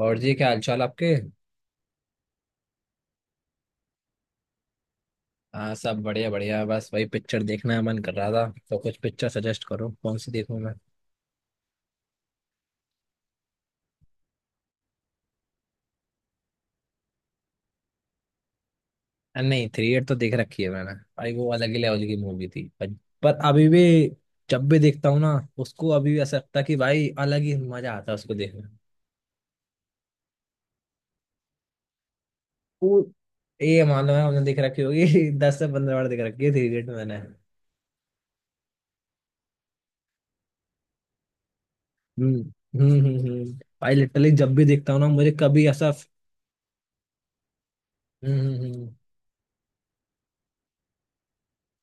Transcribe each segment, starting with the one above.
और जी, क्या हालचाल आपके? हाँ, सब बढ़िया बढ़िया। बस वही, पिक्चर देखने का मन कर रहा था, तो कुछ पिक्चर सजेस्ट करो, कौन सी देखूं मैं। अरे नहीं, थ्री इडियट तो देख रखी है मैंने। भाई वो अलग ही लेवल की मूवी थी, पर अभी भी जब भी देखता हूँ ना उसको, अभी भी ऐसा लगता है कि भाई अलग ही मजा आता है उसको देखने में। वो, ये मान लो है, हमने देख रखी होगी दस से पंद्रह बार देख रखी है थ्री इडियट मैंने। हम्म हम्म हम्म हम्म। भाई लिटरली जब भी देखता हूँ ना मुझे कभी ऐसा। हम्म हम्म हम्म।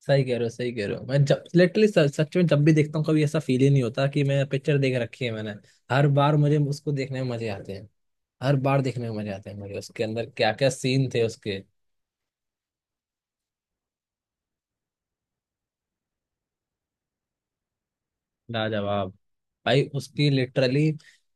सही कह रहे हो, सही कह रहे हो। मैं जब लिटरली सच में जब भी देखता हूँ कभी ऐसा फील ही नहीं होता कि मैं पिक्चर देख रखी है मैंने। हर बार मुझे उसको देखने में मजे आते हैं। हर बार देखने में मजे आते हैं मुझे, उसके अंदर क्या क्या सीन थे उसके। लाजवाब। भाई उसकी लिटरली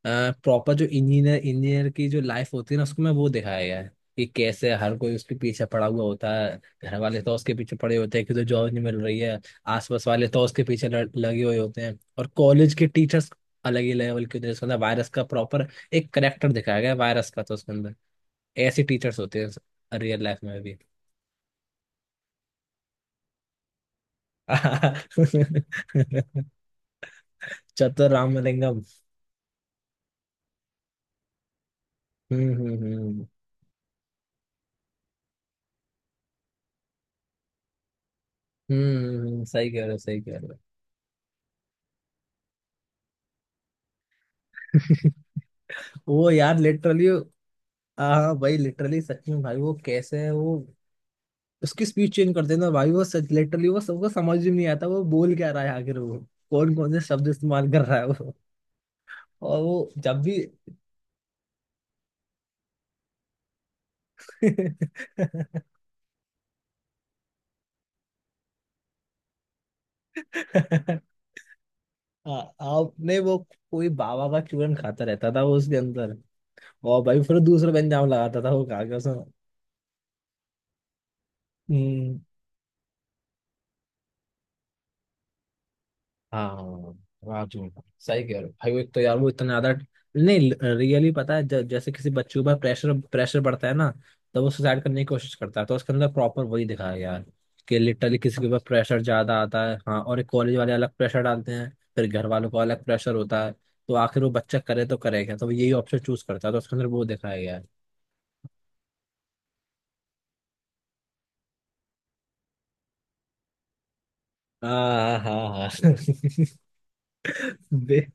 प्रॉपर जो इंजीनियर इंजीनियर की जो लाइफ होती है ना, उसको मैं वो दिखाया गया है कि कैसे हर कोई उसके पीछे पड़ा हुआ होता है। घर वाले तो उसके पीछे पड़े होते हैं कि तो जॉब नहीं मिल रही है। आसपास वाले तो उसके पीछे लगे हुए होते हैं, और कॉलेज के टीचर्स अलग ही लेवल के होते हैं। उसके अंदर वायरस का प्रॉपर एक करेक्टर दिखाया गया है वायरस का, तो उसके अंदर ऐसे टीचर्स होते हैं रियल लाइफ में भी। चतुर रामलिंगम। हम्म हम्म हम्म हम्म। सही कह रहे हो, सही कह रहे हो। वो यार लिटरली। हाँ भाई लिटरली सच में, भाई वो कैसे है वो उसकी स्पीच चेंज कर देना, भाई वो सच लिटरली वो सबको समझ ही नहीं आता वो बोल क्या रहा है आखिर, वो कौन कौन से शब्द इस्तेमाल कर रहा है वो। और वो जब भी। आपने वो कोई बाबा का चूरन खाता रहता था वो उसके अंदर, और भाई फिर दूसरा पंजाब लगाता था वो खा के। उसमें। हाँ, रात में। सही कह रहे हो भाई, वो एक तो यार वो इतना ज्यादा। नहीं, रियली पता है जैसे किसी बच्चे के ऊपर प्रेशर प्रेशर बढ़ता है ना, तो वो सुसाइड करने की कोशिश करता है, तो उसके अंदर प्रॉपर वही दिखाया गया है कि लिटरली किसी के ऊपर प्रेशर ज्यादा आता है। हाँ, और एक कॉलेज वाले अलग प्रेशर डालते हैं, फिर घर वालों का अलग प्रेशर होता है, तो आखिर वो बच्चा करे तो करे क्या, तो वो यही ऑप्शन चूज करता है, तो उसके अंदर वो दिखाया गया है। हाँ हाँ हाँ। बे-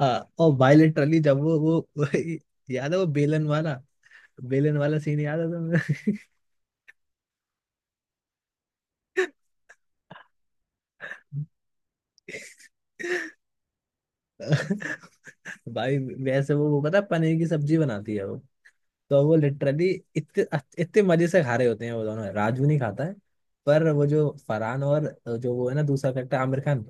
हाँ, और भाई लिटरली जब याद है वो बेलन वाला, बेलन वाला सीन याद है तुम्हें? भाई वैसे वो पता है, पनीर की सब्जी बनाती है वो, तो वो लिटरली इतने इतने मजे से खा रहे होते हैं वो दोनों, राजू नहीं खाता है, पर वो जो फरहान और जो वो है ना दूसरा करेक्टर आमिर खान,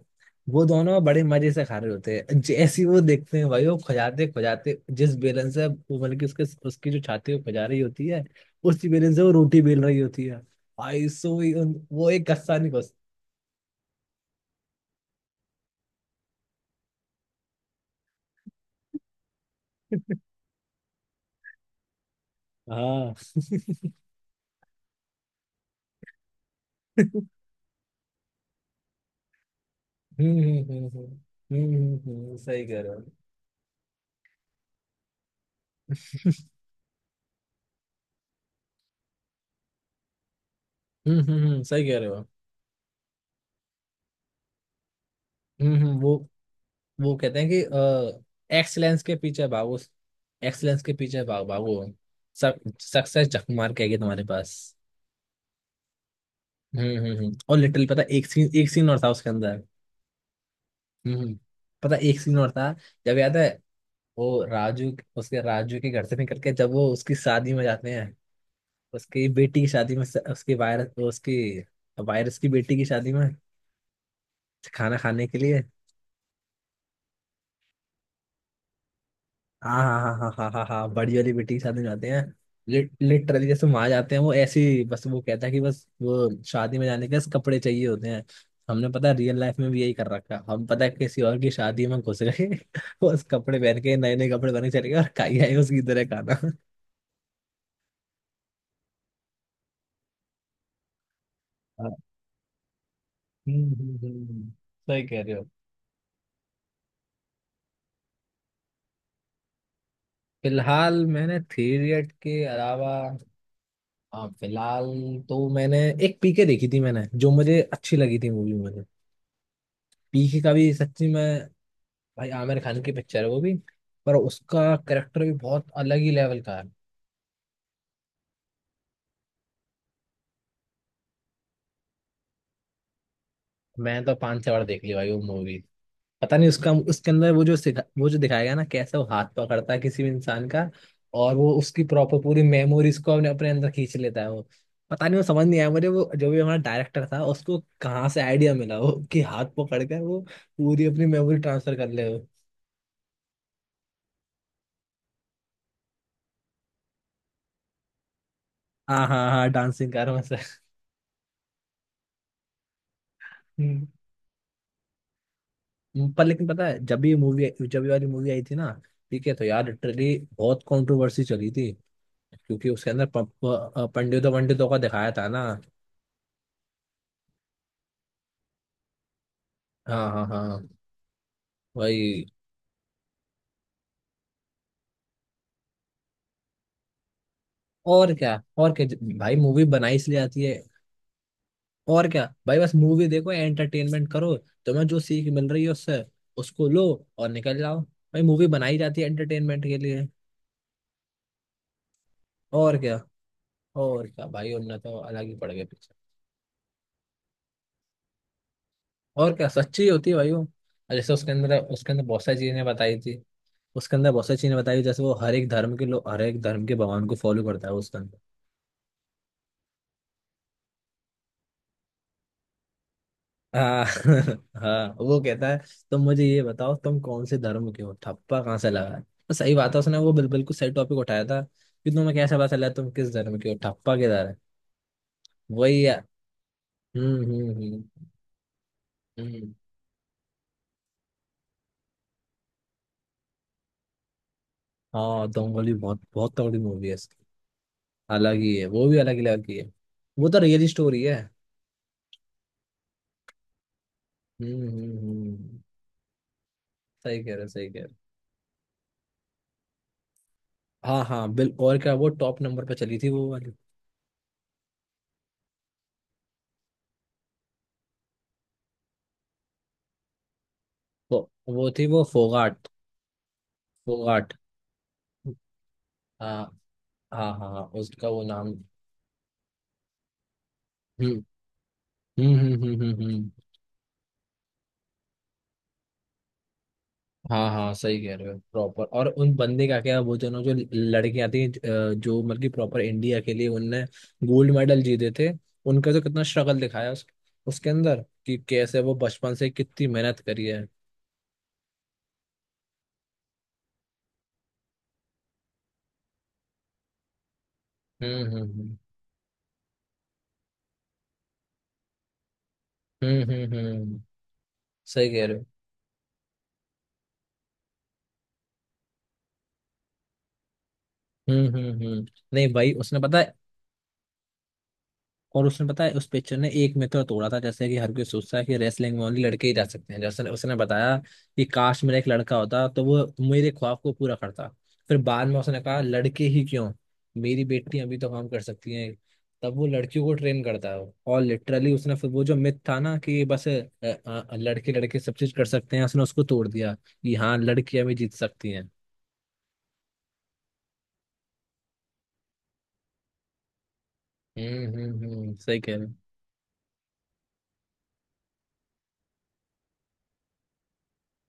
वो दोनों बड़े मजे से खा रहे होते हैं। जैसे ही वो देखते हैं भाई, वो खुजाते खुजाते जिस बेलन से वो मतलब कि उसके उसकी जो छाती वो खुजा रही होती है, उसी बेलन से वो रोटी बेल रही होती है। भाई सो ही वो एक कस्सा नहीं बस। हाँ। हम्म हम्म हम्म हम्म सही कह रहे हो। सही कह रहे हो। हम्म। वो कहते हैं कि एक्सलेंस के पीछे भागो। एक्सलेंस के पीछे भागो। सक्सेस झक मार के आएगी तुम्हारे पास। हम्म, और लिटिल पता एक सीन और था उसके अंदर। हम्म हम्म, पता एक सीन और था। जब याद है वो राजू, उसके राजू के घर से निकल के जब वो उसकी शादी में जाते हैं, उसकी बेटी की शादी में, उसकी वायरस की बेटी की शादी में खाना खाने के लिए। हाँ हाँ हाँ हाँ हाँ हाँ हाँ, बड़ी वाली बेटी के साथ में जाते हैं। लिटरली जैसे वहां जाते हैं वो ऐसी, बस वो कहता है कि बस वो शादी में जाने के लिए कपड़े चाहिए होते हैं। हमने पता है रियल लाइफ में भी यही कर रखा है। हम पता है किसी और की शादी में घुस गए बस कपड़े पहन के, नए नए कपड़े पहन के चले गए और खाई आए उसकी तरह खाना। हाँ, सही कह रहे हो। फिलहाल मैंने थ्री इडियट के अलावा, हाँ फिलहाल, तो मैंने एक पीके देखी थी मैंने, जो मुझे अच्छी लगी थी मूवी मुझे। पीके का भी सच्ची में, भाई आमिर खान की पिक्चर है वो भी, पर उसका करेक्टर भी बहुत अलग ही लेवल का है। मैं तो पांच छह बार देख ली भाई वो मूवी। पता नहीं उसका उसके अंदर वो जो सिखा वो जो दिखाया गया ना कैसे वो हाथ पकड़ता है किसी भी इंसान का, और वो उसकी प्रॉपर पूरी मेमोरीज को अपने अपने अंदर खींच लेता है वो। पता नहीं वो समझ नहीं आया मुझे वो, जो भी हमारा डायरेक्टर था उसको कहाँ से आइडिया मिला वो कि हाथ पकड़ कर वो पूरी अपनी मेमोरी ट्रांसफर कर ले वो। हाँ हाँ हाँ, डांसिंग कार में से। पर लेकिन पता है जब भी ये मूवी, जब ये वाली मूवी आई थी ना, ठीक है, तो यार लिटरली बहुत कंट्रोवर्सी चली थी, क्योंकि उसके अंदर पंडितों पंडितों का दिखाया था ना। हाँ हाँ हाँ वही। और क्या, और क्या भाई, मूवी बनाई इसलिए आती है। और क्या भाई, बस मूवी देखो, एंटरटेनमेंट करो। तुम्हें जो सीख मिल रही है उससे, उसको लो और निकल जाओ। भाई मूवी बनाई जाती है एंटरटेनमेंट के लिए। और क्या, और क्या भाई उनने तो अलग ही पड़ गए। और क्या सच्ची होती है भाई वो, और जैसे उसके अंदर बहुत सारी चीजें बताई थी। उसके अंदर बहुत सारी चीजें बताई थी, जैसे वो हर एक धर्म के लोग हर एक धर्म के भगवान को फॉलो करता है उसके अंदर। हाँ हाँ वो कहता है, तुम मुझे ये बताओ तुम कौन से धर्म के हो, ठप्पा कहाँ से लगा है, तो सही बात है उसने वो बिल्कुल सही टॉपिक उठाया था कि तुम्हें कैसे पता चला तुम किस धर्म के हो, ठप्पा किधर है। वही है। हम्म हम्म हम्म हम्म। हाँ, दंगल भी बहुत बहुत तगड़ी मूवी है इसकी। अलग ही है वो भी, अलग ही है। वो तो रियल स्टोरी है। हम्म हम्म हम्म। सही कह रहे हो, सही कह रहे हो। हाँ हाँ बिल और क्या वो टॉप नंबर पे चली थी वो वाली। वो वो थी वो, फोगाट फोगाट। हाँ हाँ हाँ हाँ, उसका वो नाम। हम्म हम्म। हाँ हाँ सही कह रहे हो प्रॉपर। और उन बंदे का क्या, वो दोनों जो लड़कियां थी, जो मतलब कि प्रॉपर इंडिया के लिए उनने गोल्ड मेडल जीते थे, उनका तो कितना स्ट्रगल दिखाया उसके अंदर कि कैसे वो बचपन से कितनी मेहनत करी है। हम्म हम्म हम्म हम्म हम्म हम्म। सही कह रहे हो। हम्म हम्म हम्म। नहीं भाई उसने पता है, और उसने पता है उस पिक्चर ने एक मिथ और तोड़ा था। जैसे कि हर कोई सोचता है कि रेसलिंग में ओनली लड़के ही जा सकते हैं, जैसे उसने बताया कि काश मेरा एक लड़का होता तो वो मेरे ख्वाब को पूरा करता। फिर बाद में उसने कहा, लड़के ही क्यों, मेरी बेटी अभी तो काम कर सकती है। तब वो लड़कियों को ट्रेन करता है, और लिटरली उसने फिर वो जो मिथ था ना कि बस लड़के लड़के सब चीज कर सकते हैं, उसने उसको तोड़ दिया कि हाँ, लड़कियां भी जीत सकती हैं। हम्म, सही कह रहे हो।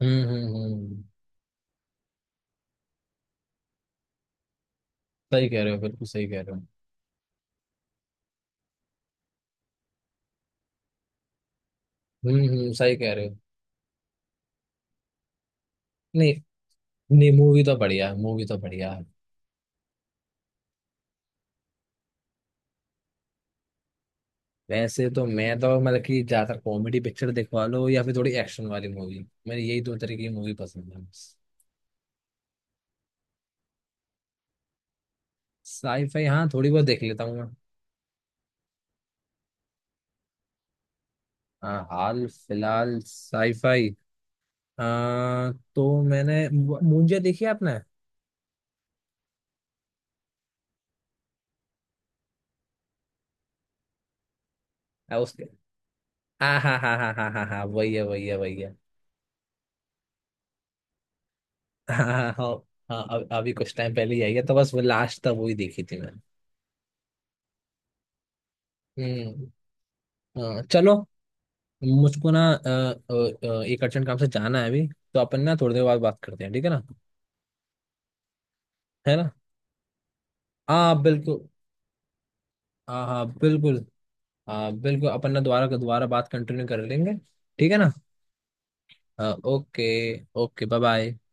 हम्म, सही कह रहे हो, बिल्कुल सही कह रहे हो। हम्म, सही कह रहे हो। नहीं, नहीं, मूवी तो बढ़िया है, मूवी तो बढ़िया है। वैसे तो मैं तो मतलब कि ज्यादातर कॉमेडी पिक्चर दिखवा लो या फिर थोड़ी एक्शन वाली मूवी, मेरी यही दो तरीके की मूवी पसंद है। साईफाई हाँ, थोड़ी बहुत देख लेता हूँ मैं। हाँ, हाल फिलहाल साईफाई, आ, तो मैंने मुंजे देखी है आपने। उसके, हाँ हाँ हाँ हाँ हाँ हाँ हाँ, वही है, वही है, वही है। हाँ हाँ हाँ। हाँ, अभी अभी कुछ टाइम पहले ही आई है, तो बस वो लास्ट तक वही देखी थी मैंने। हम्म। चलो, मुझको ना एक अर्जेंट काम से जाना है अभी, तो अपन ना थोड़ी देर बाद बात करते हैं ठीक है ना, है ना। हाँ बिल्कुल, हाँ हाँ बिल्कुल, हाँ बिल्कुल अपन ना दोबारा दोबारा बात कंटिन्यू कर लेंगे। ठीक है ना। ओके। Okay bye bye.